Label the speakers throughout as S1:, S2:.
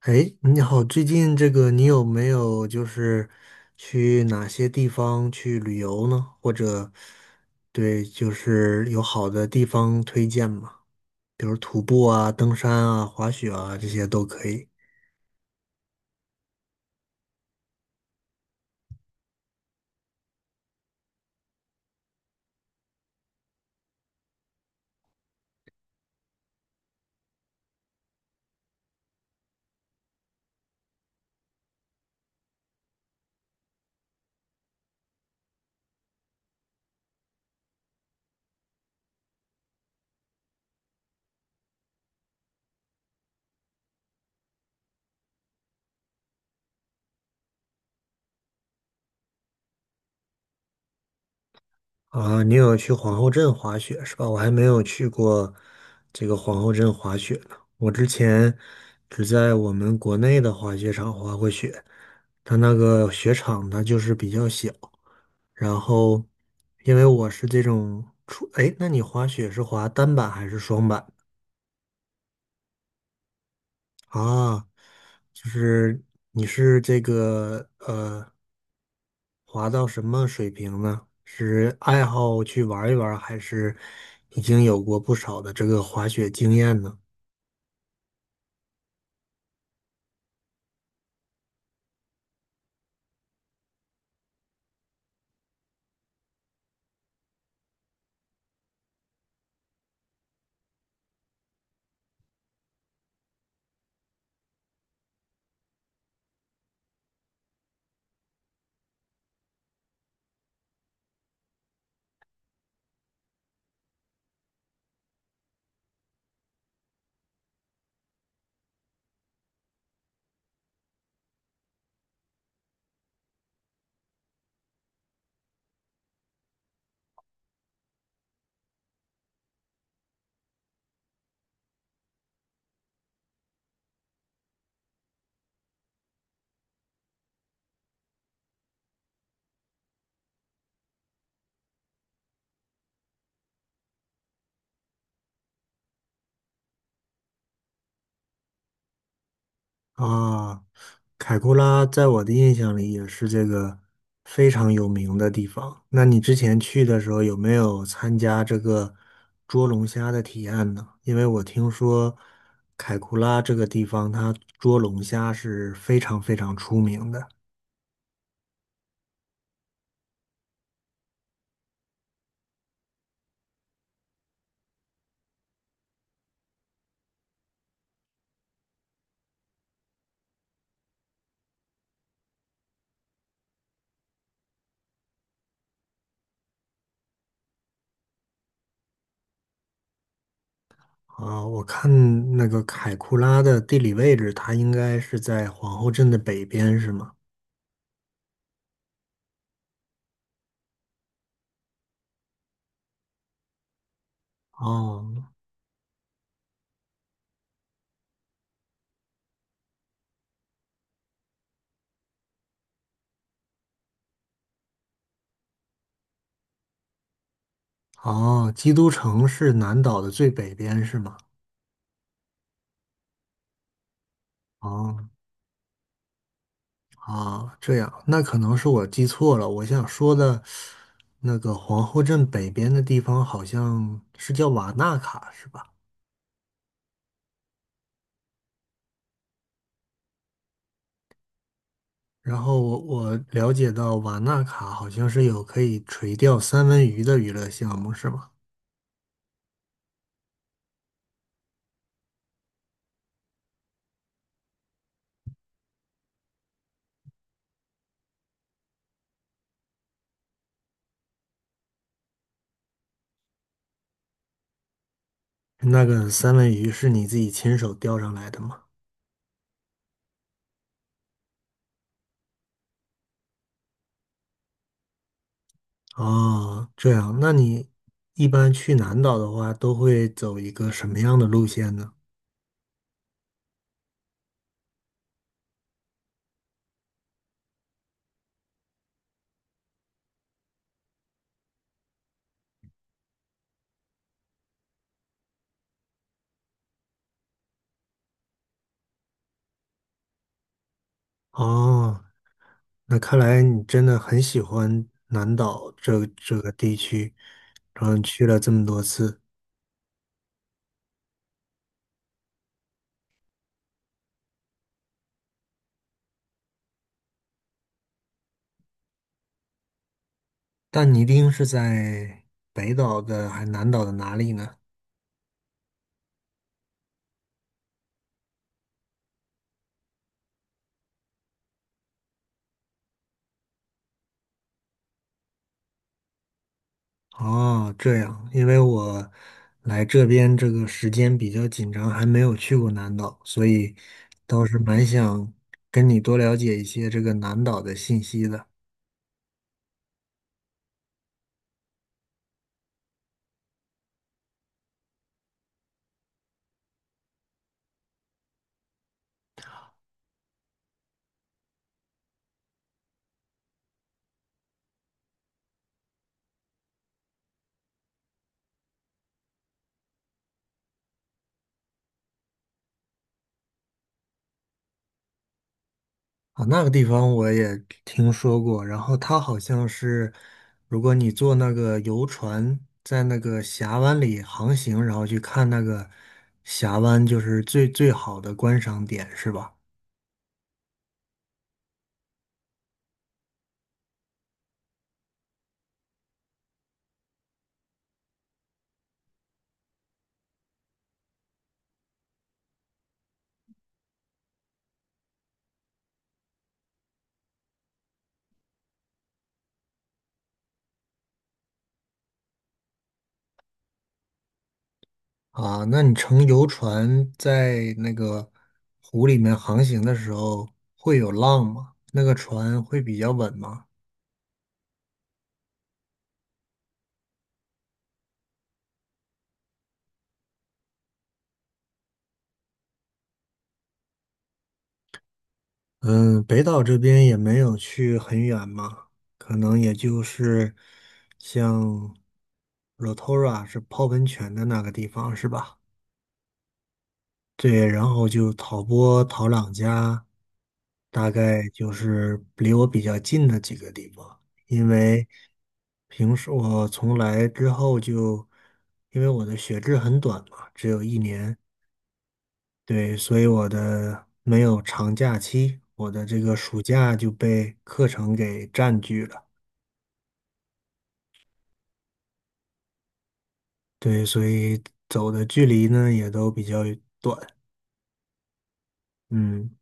S1: 哎，你好，最近你有没有去哪些地方去旅游呢？或者对，就是有好的地方推荐吗？比如徒步啊、登山啊、滑雪啊，这些都可以。啊，你有去皇后镇滑雪是吧？我还没有去过这个皇后镇滑雪呢。我之前只在我们国内的滑雪场滑过雪，它那个雪场它就是比较小。然后，因为我是这种初，哎，那你滑雪是滑单板还是双板啊？就是你是这个滑到什么水平呢？是爱好去玩一玩，还是已经有过不少的这个滑雪经验呢？啊，凯库拉在我的印象里也是这个非常有名的地方。那你之前去的时候有没有参加这个捉龙虾的体验呢？因为我听说凯库拉这个地方，它捉龙虾是非常非常出名的。啊，我看那个凯库拉的地理位置，它应该是在皇后镇的北边，是吗？哦，哦，基督城是南岛的最北边，是吗？哦，啊，这样，那可能是我记错了。我想说的那个皇后镇北边的地方，好像是叫瓦纳卡，是吧？然后我了解到瓦纳卡好像是有可以垂钓三文鱼的娱乐项目，是吗？那个三文鱼是你自己亲手钓上来的吗？哦，这样，那你一般去南岛的话，都会走一个什么样的路线呢？哦，那看来你真的很喜欢南岛这个地区，然后你去了这么多次，但你一定是在北岛的还南岛的哪里呢？哦，这样，因为我来这边这个时间比较紧张，还没有去过南岛，所以倒是蛮想跟你多了解一些这个南岛的信息的。啊，那个地方我也听说过，然后它好像是，如果你坐那个游船在那个峡湾里航行，然后去看那个峡湾，就是最最好的观赏点，是吧？啊，那你乘游船在那个湖里面航行的时候，会有浪吗？那个船会比较稳吗？嗯，北岛这边也没有去很远嘛，可能也就是像 Rotorua 是泡温泉的那个地方是吧？对，然后就陶波、陶朗加，大概就是离我比较近的几个地方，因为平时我从来之后就，因为我的学制很短嘛，只有一年，对，所以我的没有长假期，我的这个暑假就被课程给占据了。对，所以走的距离呢也都比较短。嗯，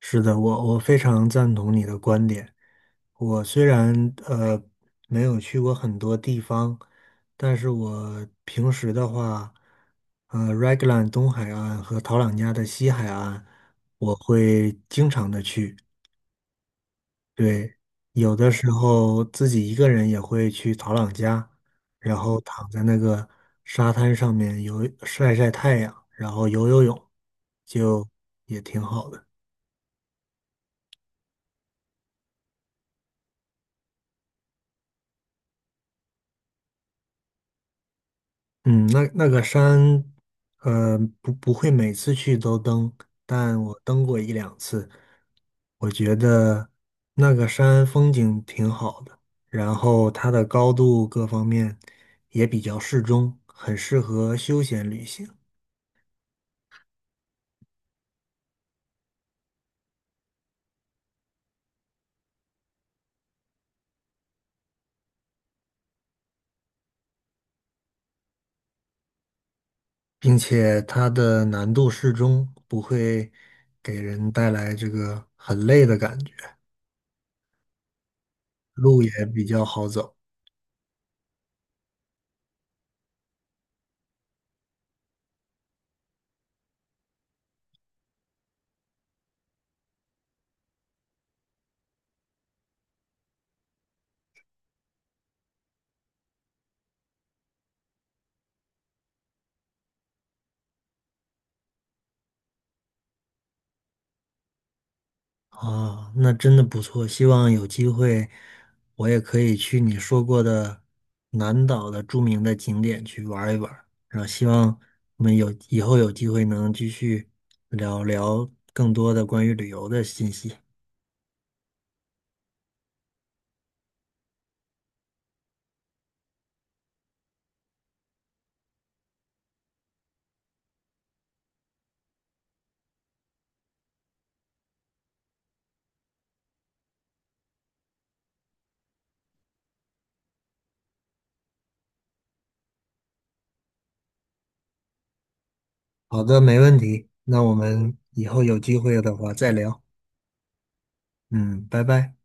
S1: 是的，我非常赞同你的观点。我虽然没有去过很多地方，但是我平时的话，r e g l a n 东海岸和陶朗加的西海岸，我会经常的去。对，有的时候自己一个人也会去曹朗家，然后躺在那个沙滩上面游，晒晒太阳，然后游游泳，就也挺好的。嗯，那那个山，不不会每次去都登，但我登过一两次，我觉得那个山风景挺好的，然后它的高度各方面也比较适中，很适合休闲旅行。并且它的难度适中，不会给人带来这个很累的感觉，路也比较好走。啊，那真的不错。希望有机会我也可以去你说过的南岛的著名的景点去玩一玩儿，然后希望我们有以后有机会能继续聊聊更多的关于旅游的信息。好的，没问题。那我们以后有机会的话再聊。嗯，拜拜。